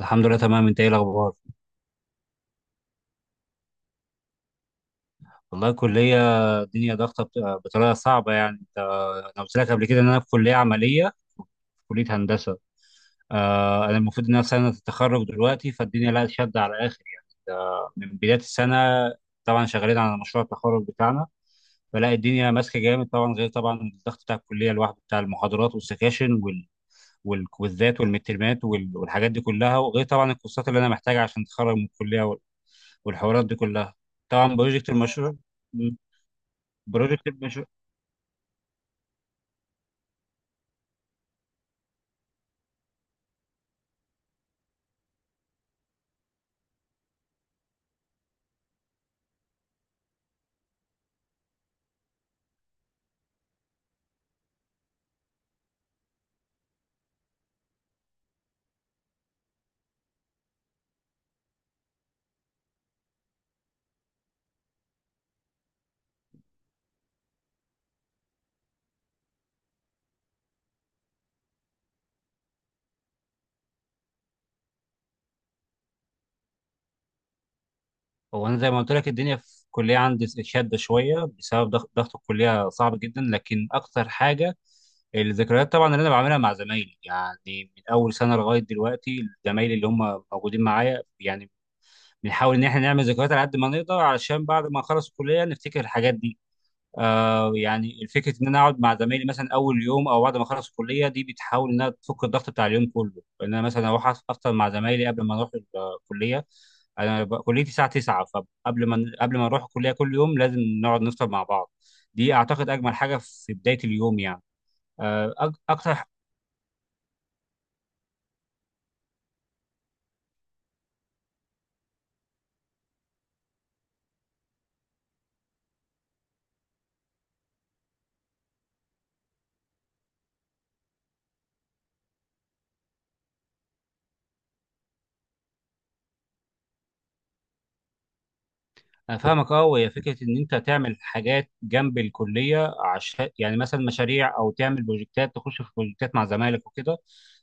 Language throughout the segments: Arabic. الحمد لله تمام. انت ايه الاخبار؟ والله الكليه، الدنيا ضغطه بطريقه صعبه يعني. انت انا قلت لك قبل كده ان انا في كليه عمليه، في كليه هندسه. انا المفروض ان انا في سنه التخرج دلوقتي، فالدنيا لا شد على الاخر يعني، ده من بدايه السنه. طبعا شغالين على مشروع التخرج بتاعنا، فلا الدنيا ماسكه جامد طبعا، غير طبعا الضغط بتاع الكليه لوحده بتاع المحاضرات والسكاشن والكويزات والمترمات والحاجات دي كلها، وغير طبعا الكورسات اللي انا محتاجها عشان اتخرج من الكليه والحوارات دي كلها. طبعا بروجكت المشروع. مم. بروجكت المشروع. هو انا زي ما قلت لك الدنيا في الكليه عندي شاده شويه بسبب ضغط الكليه صعب جدا، لكن اكتر حاجه الذكريات طبعا اللي انا بعملها مع زمايلي يعني، من اول سنه لغايه دلوقتي زمايلي اللي هم موجودين معايا يعني، بنحاول ان احنا نعمل ذكريات على قد ما نقدر علشان بعد ما نخلص الكليه نفتكر الحاجات دي. يعني فكره ان انا اقعد مع زمايلي مثلا اول يوم او بعد ما اخلص الكليه، دي بتحاول انها تفك الضغط بتاع اليوم كله، ان انا مثلا اروح افطر مع زمايلي قبل ما اروح الكليه. انا كليتي الساعه 9، فقبل ما نروح الكليه كل يوم لازم نقعد نفطر مع بعض. دي اعتقد اجمل حاجه في بدايه اليوم يعني. اكتر. انا فاهمك اه. وهي فكره ان انت تعمل حاجات جنب الكليه عشان يعني مثلا مشاريع، او تعمل بروجكتات، تخش في بروجكتات مع زمايلك وكده،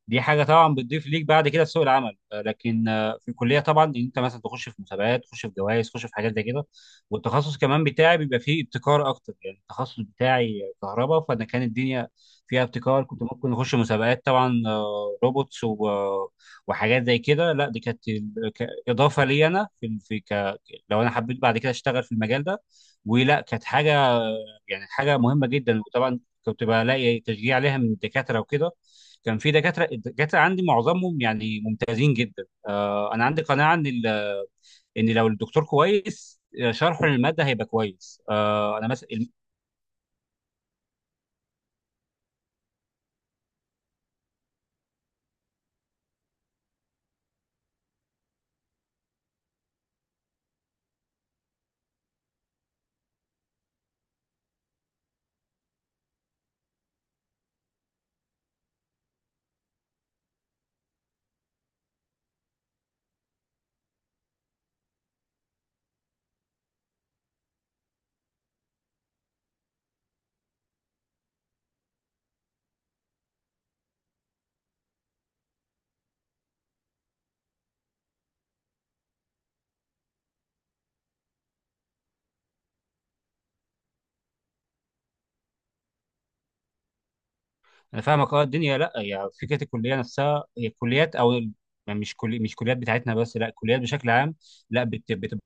دي حاجه طبعا بتضيف ليك بعد كده في سوق العمل. لكن في الكليه طبعا ان انت مثلا تخش في مسابقات، تخش في جوائز، تخش في حاجات زي كده. والتخصص كمان بتاعي بيبقى فيه ابتكار اكتر يعني، التخصص بتاعي كهرباء، فانا كان الدنيا فيها ابتكار كنت ممكن اخش مسابقات طبعا، روبوتس وحاجات زي كده. لا دي كانت اضافه لي انا في، لو انا حبيت بعد كده اشتغل في المجال ده. ولا كانت حاجه، يعني حاجه مهمه جدا. وطبعا كنت بلاقي تشجيع عليها من الدكاتره وكده. كان في دكاتره، الدكاتره عندي معظمهم يعني ممتازين جدا. انا عندي قناعه ان ان لو الدكتور كويس، شرحه للماده هيبقى كويس. انا مثلا انا فاهمك اه. الدنيا لا يعني فكره الكليه نفسها، هي الكليات يعني مش كليات بتاعتنا بس، لا الكليات بشكل عام لا بتبقى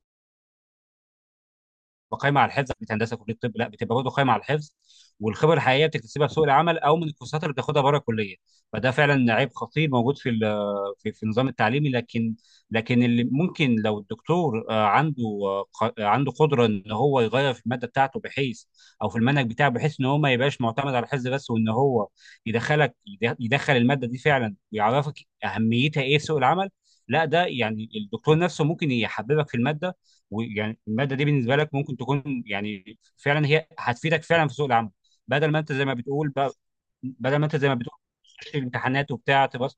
قايمه على الحفظ. مش هندسه، كليه طب لا بتبقى برضه قايمه على الحفظ. والخبره الحقيقيه بتكتسبها في سوق العمل او من الكورسات اللي بتاخدها بره الكليه. فده فعلا عيب خطير موجود في النظام التعليمي. لكن لكن اللي ممكن لو الدكتور عنده عنده قدره ان هو يغير في الماده بتاعته، بحيث او في المنهج بتاعه، بحيث ان هو ما يبقاش معتمد على الحفظ بس، وان هو يدخلك، يدخل الماده دي فعلا، ويعرفك اهميتها ايه في سوق العمل. لا ده يعني الدكتور نفسه ممكن يحببك في الماده، ويعني الماده دي بالنسبه لك ممكن تكون يعني فعلا هي هتفيدك فعلا في سوق العمل، بدل ما انت زي ما بتقول ب- بدل ما انت زي ما بتقول تخش الامتحانات وبتاع تبقى.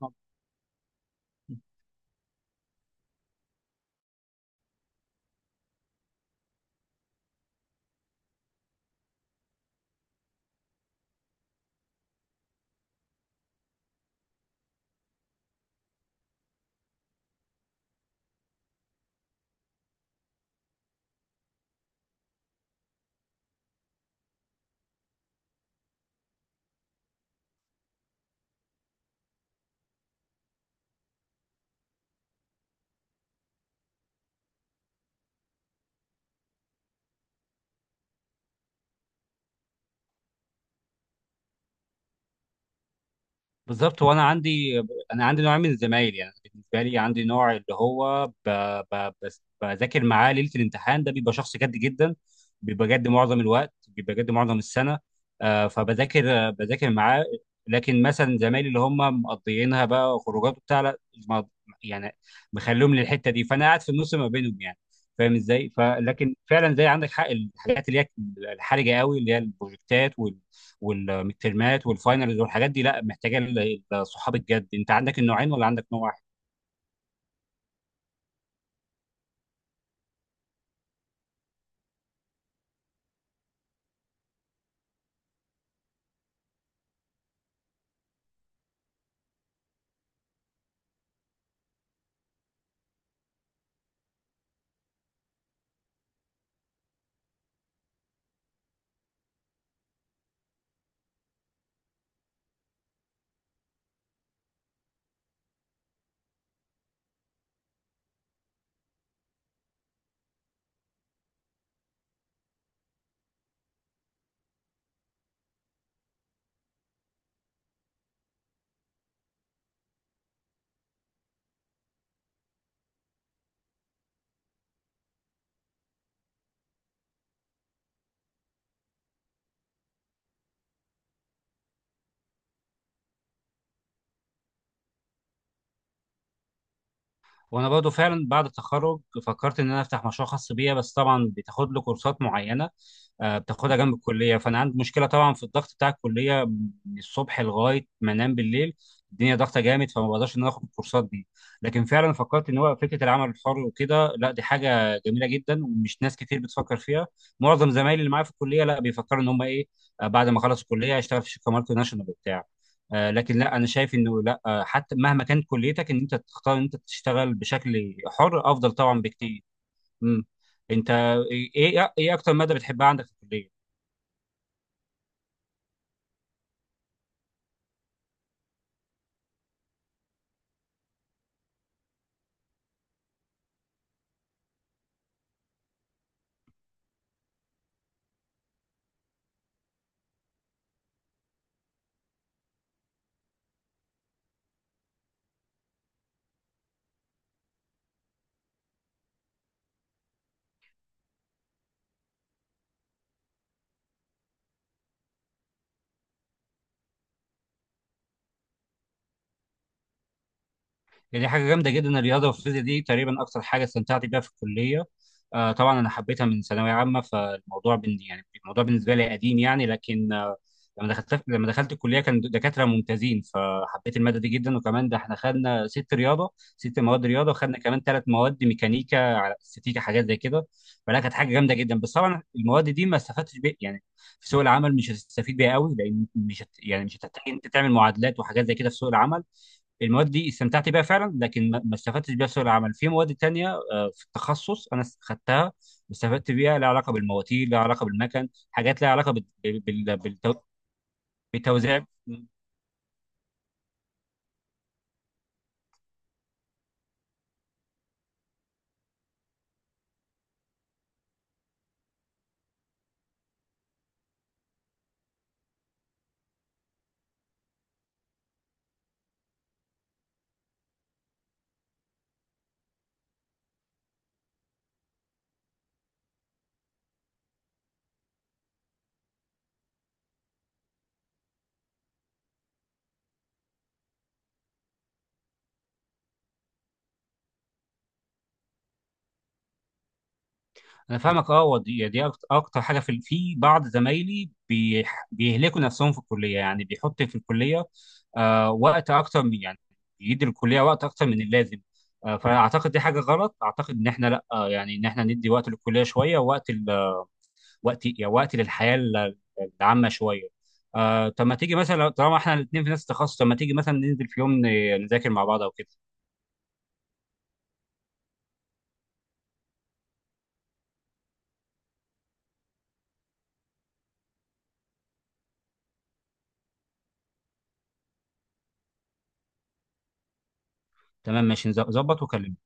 بالظبط. وانا عندي انا عندي نوع من الزمايل يعني، بالنسبه لي عندي نوع اللي هو بس بذاكر معاه ليله الامتحان، ده بيبقى شخص جد جدا، بيبقى جد معظم الوقت، بيبقى جد معظم السنه. فبذاكر، بذاكر معاه. لكن مثلا زمايلي اللي هم مقضيينها بقى خروجات وبتاع، لا ما- يعني مخليهم للحته دي، فانا قاعد في النص ما بينهم يعني، فاهم ازاي. فلكن فعلا زي عندك حق، الحاجات اللي هي الحرجه قوي اللي هي البروجكتات والترمات والفاينلز والحاجات دي لا، محتاجه الصحاب الجد. انت عندك النوعين ولا عندك نوع واحد؟ وانا برضو فعلا بعد التخرج فكرت ان انا افتح مشروع خاص بيا، بس طبعا بتاخد له كورسات معينه، بتاخدها جنب الكليه. فانا عندي مشكله طبعا في الضغط بتاع الكليه من الصبح لغايه ما انام بالليل، الدنيا ضغطه جامد، فما بقدرش ان انا اخد الكورسات دي. لكن فعلا فكرت ان هو فكره العمل الحر وكده، لا دي حاجه جميله جدا ومش ناس كتير بتفكر فيها. معظم زمايلي اللي معايا في الكليه لا بيفكروا ان هم ايه، بعد ما خلصوا الكليه هيشتغل في شركه مالتي ناشونال وبتاع. لكن لا انا شايف انه لا، حتى مهما كانت كليتك، ان انت تختار ان انت تشتغل بشكل حر افضل طبعا بكتير. امم. انت ايه اكتر ماده بتحبها عندك في الكليه؟ يعني دي حاجه جامده جدا، الرياضه والفيزياء دي تقريبا اكتر حاجه استمتعت بيها في الكليه. طبعا انا حبيتها من ثانويه عامه، فالموضوع بن يعني الموضوع بالنسبه لي قديم يعني. لكن لما دخلت الكليه كان دكاتره ممتازين، فحبيت الماده دي جدا. وكمان ده احنا خدنا ست رياضه، ست مواد رياضه، وخدنا كمان ثلاث مواد ميكانيكا على استاتيكا حاجات زي كده. فلا كانت حاجه جامده جدا. بس طبعا المواد دي ما استفدتش بيها يعني في سوق العمل، مش هتستفيد بيها قوي، لان مش هت... يعني مش هتحتاج انت تعمل معادلات وحاجات زي كده في سوق العمل. المواد دي استمتعت بيها فعلا، لكن ما استفدتش بيها في سوق العمل. في مواد تانية في التخصص انا خدتها واستفدت بيها، لها علاقه بالمواتير، لها علاقه بالمكن، حاجات لها علاقه بالتوزيع. انا فاهمك اه. ودي دي دي أكت- اكتر حاجه في في بعض زمايلي بيهلكوا نفسهم في الكليه يعني، بيحط في الكليه وقت اكتر من يعني، بيدي الكليه وقت اكتر من اللازم. فاعتقد دي حاجه غلط. اعتقد ان احنا لا يعني ان احنا ندي وقت للكليه شويه، وقت يعني وقت العامه شويه. طب ما تيجي مثلا طالما احنا الاثنين في نفس التخصص، طب ما تيجي مثلا ننزل في يوم نذاكر مع بعض او كده؟ تمام ماشي، نظبط وكلمني.